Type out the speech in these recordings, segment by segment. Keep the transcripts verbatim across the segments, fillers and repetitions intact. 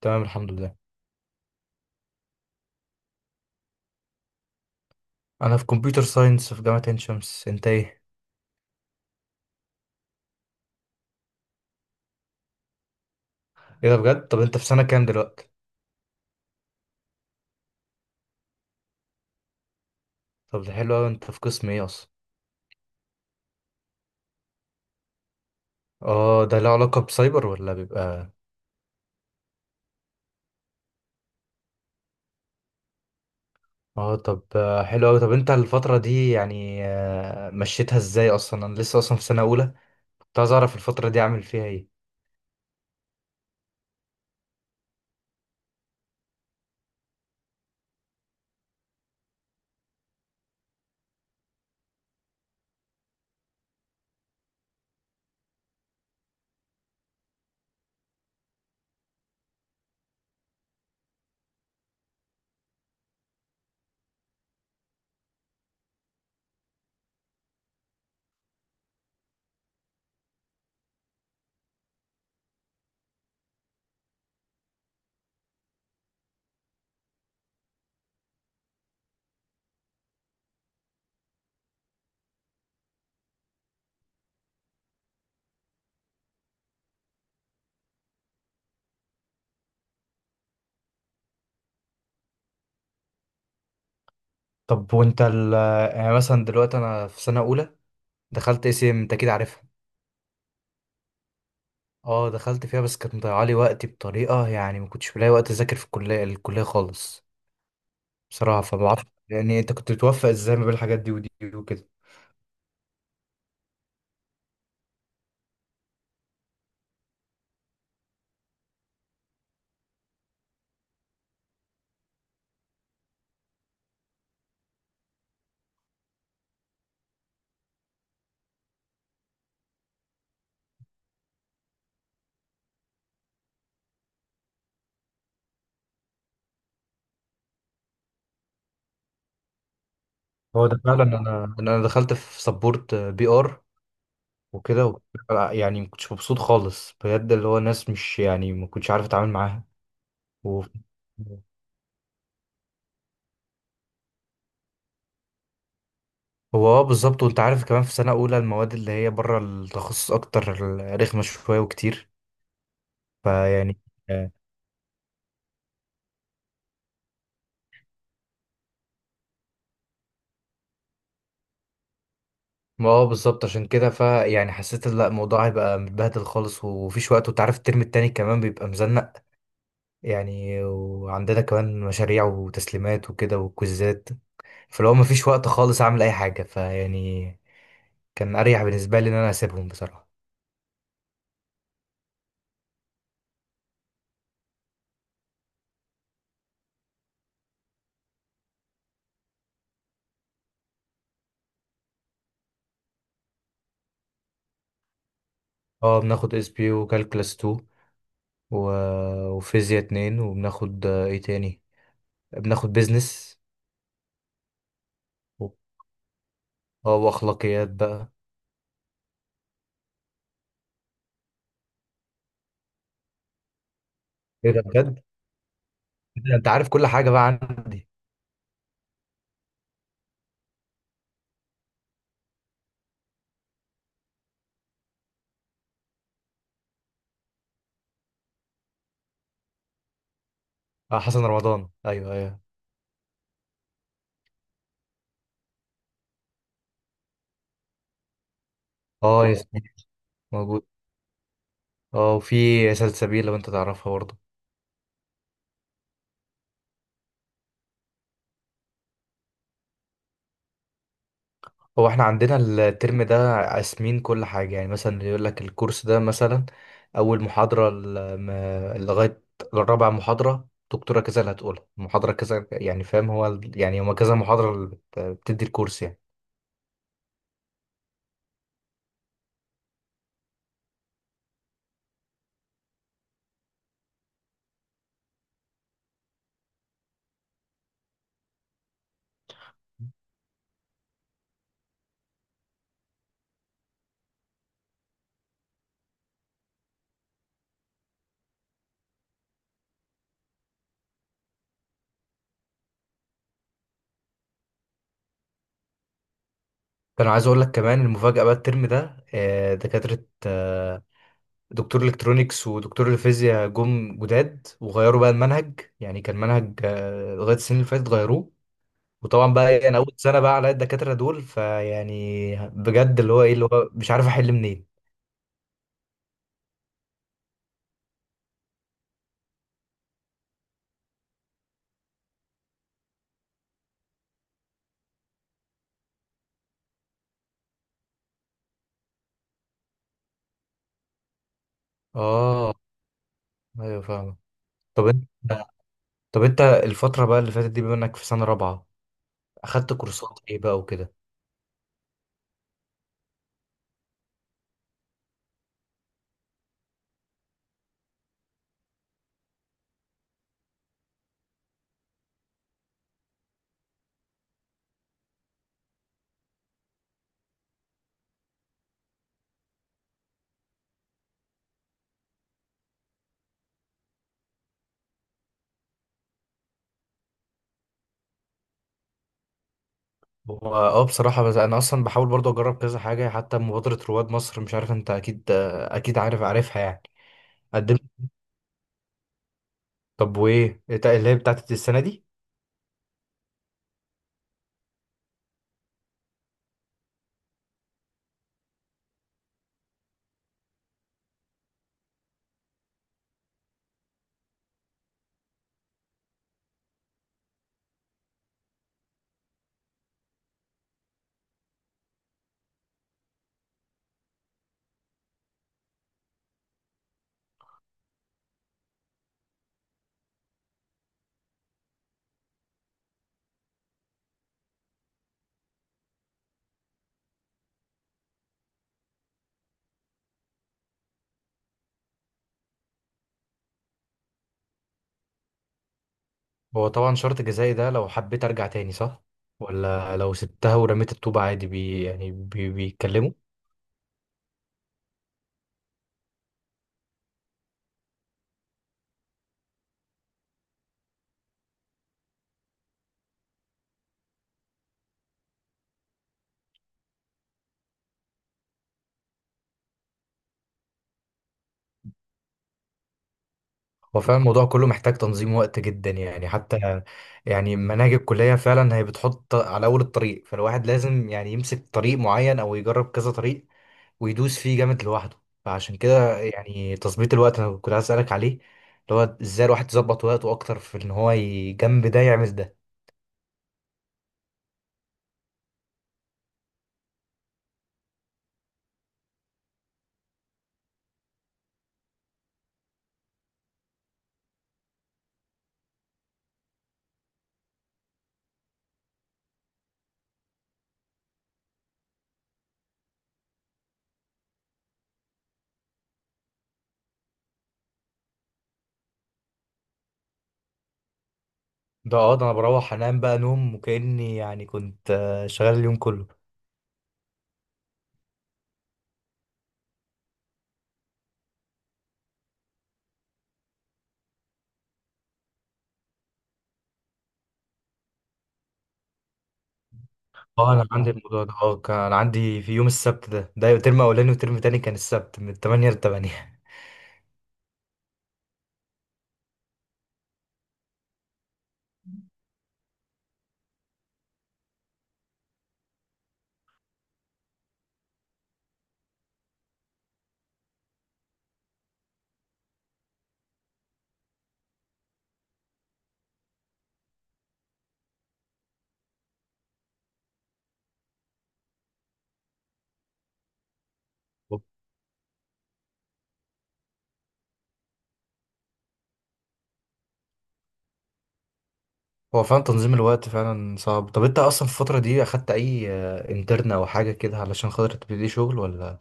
تمام، الحمد لله. انا في كمبيوتر ساينس في جامعة عين شمس، انت ايه؟ ايه ده بجد، طب انت في سنة كام دلوقتي؟ طب ده حلو قوي، انت في قسم ايه اصلا؟ اه، ده له علاقة بسايبر ولا بيبقى؟ اه، طب آه، حلو قوي. طب انت الفترة دي يعني آه، مشيتها ازاي اصلا؟ انا لسه اصلا في سنة اولى، كنت عايز اعرف الفترة دي اعمل فيها ايه. طب وانت ال آه، يعني مثلا دلوقتي انا في سنة اولى، دخلت اس ام، انت اكيد عارفها. اه دخلت فيها بس كانت مضيعة لي وقتي بطريقة، يعني ما كنتش بلاقي وقت اذاكر في الكلية الكلية خالص بصراحة. فما اعرفش يعني انت كنت بتوفق ازاي ما بين الحاجات دي ودي وكده؟ هو ده فعلا، انا انا دخلت في سبورت بي ار وكده و- يعني ما كنتش مبسوط خالص بجد، اللي هو ناس مش يعني، ما كنتش عارف اتعامل معاها و... هو اه بالظبط، وانت عارف كمان في سنة اولى المواد اللي هي بره التخصص اكتر رخمة شوية وكتير، فيعني آه، ما اه بالظبط، عشان كده فيعني حسيت ان لا، الموضوع هيبقى متبهدل خالص ومفيش وقت، وانت عارف الترم التاني كمان بيبقى مزنق يعني، وعندنا كمان مشاريع وتسليمات وكده وكوزات. فلو مفيش وقت خالص اعمل اي حاجه، فيعني كان اريح بالنسبه لي ان انا اسيبهم بصراحه. اه بناخد اس بي وكالكلاس اتنين و... وفيزياء اتنين وبناخد آه، ايه تاني، بناخد بيزنس و... اه واخلاقيات بقى. ايه ده بجد! إيه ده، انت عارف كل حاجه بقى عندي. اه، حسن رمضان، ايوه ايوه. اه، ياسمين موجود. اه، وفي سلسبيل لو انت تعرفها برضه. هو احنا عندنا الترم ده قاسمين كل حاجة، يعني مثلا يقول لك الكورس ده مثلا أول محاضرة ل- م- لغاية الرابعة محاضرة دكتورة كذا، اللي هتقولها محاضرة كذا، يعني فاهم، هو ال- يعني هما كذا محاضرة اللي بت- بتدي الكورس يعني. كان عايز أقول لك كمان المفاجأة بقى الترم ده آه، دكاترة آه، دكتور الكترونيكس ودكتور الفيزياء جم جداد وغيروا بقى المنهج، يعني كان منهج آه، لغاية السنين اللي فاتت غيروه. وطبعا بقى إيه، انا اول سنه بقى على الدكاتره دول، فيعني بجد اللي هو ايه، اللي هو مش عارف احل منين. اه ايوه فاهم. طب انت طب انت الفتره بقى اللي فاتت دي بما انك في سنه رابعه اخدت كورسات ايه بقى وكده؟ هو اه بصراحه، بس انا اصلا بحاول برضه اجرب كذا حاجه حتى مبادره رواد مصر، مش عارف انت اكيد اكيد عارف عارفها يعني. قدمت. طب وايه إيه اللي هي بتاعت السنه دي؟ هو طبعا شرط جزائي ده، لو حبيت ارجع تاني صح؟ ولا لو سبتها ورميت الطوبة عادي، بي يعني بي بيتكلموا. هو فعلا الموضوع كله محتاج تنظيم وقت جدا يعني، حتى يعني مناهج الكلية فعلا هي بتحط على أول الطريق، فالواحد لازم يعني يمسك طريق معين أو يجرب كذا طريق ويدوس فيه جامد لوحده. فعشان كده يعني تظبيط الوقت أنا كنت عايز أسألك عليه، اللي هو إزاي الواحد يظبط وقته أكتر في إن هو ي- جنب ده يعمل ده. ده اه ده أنا بروح أنام بقى نوم، وكأني يعني كنت آه، شغال اليوم كله. اه، انا عندي الموضوع ده اه كان عندي في يوم السبت ده ده ترم اولاني وترم تاني كان السبت من الثامنة ل الثامنة. هو فعلا تنظيم الوقت فعلا صعب. طب انت اصلا في الفترة دي اخدت اي انترن او حاجة كده علشان خاطر تبتدي شغل ولا؟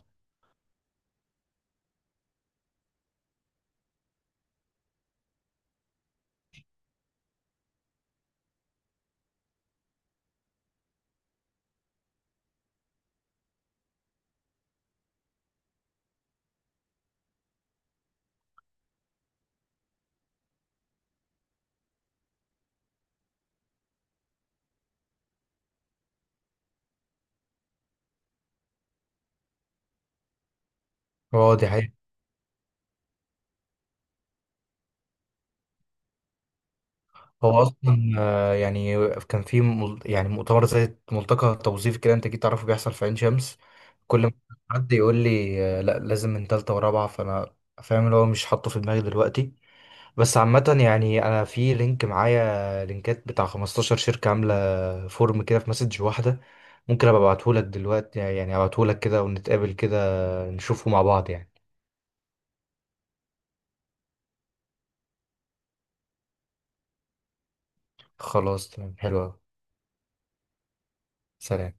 هو دي حقيقة. هو اصلا آه، يعني كان في مل- يعني مؤتمر زي ملتقى توظيفي كده، انت جيت تعرفه بيحصل في عين شمس؟ كل ما حد يقول لي آه، لا لازم من تالتة ورابعة، فانا فاهم اللي هو مش حاطه في دماغي دلوقتي. بس عامة يعني أنا في لينك معايا، لينكات بتاع خمستاشر شركة عاملة فورم كده في مسج واحدة، ممكن أبقى أبعتهولك دلوقتي يعني، أبعتهولك كده ونتقابل كده نشوفه مع بعض يعني. خلاص تمام، حلو أوي. سلام.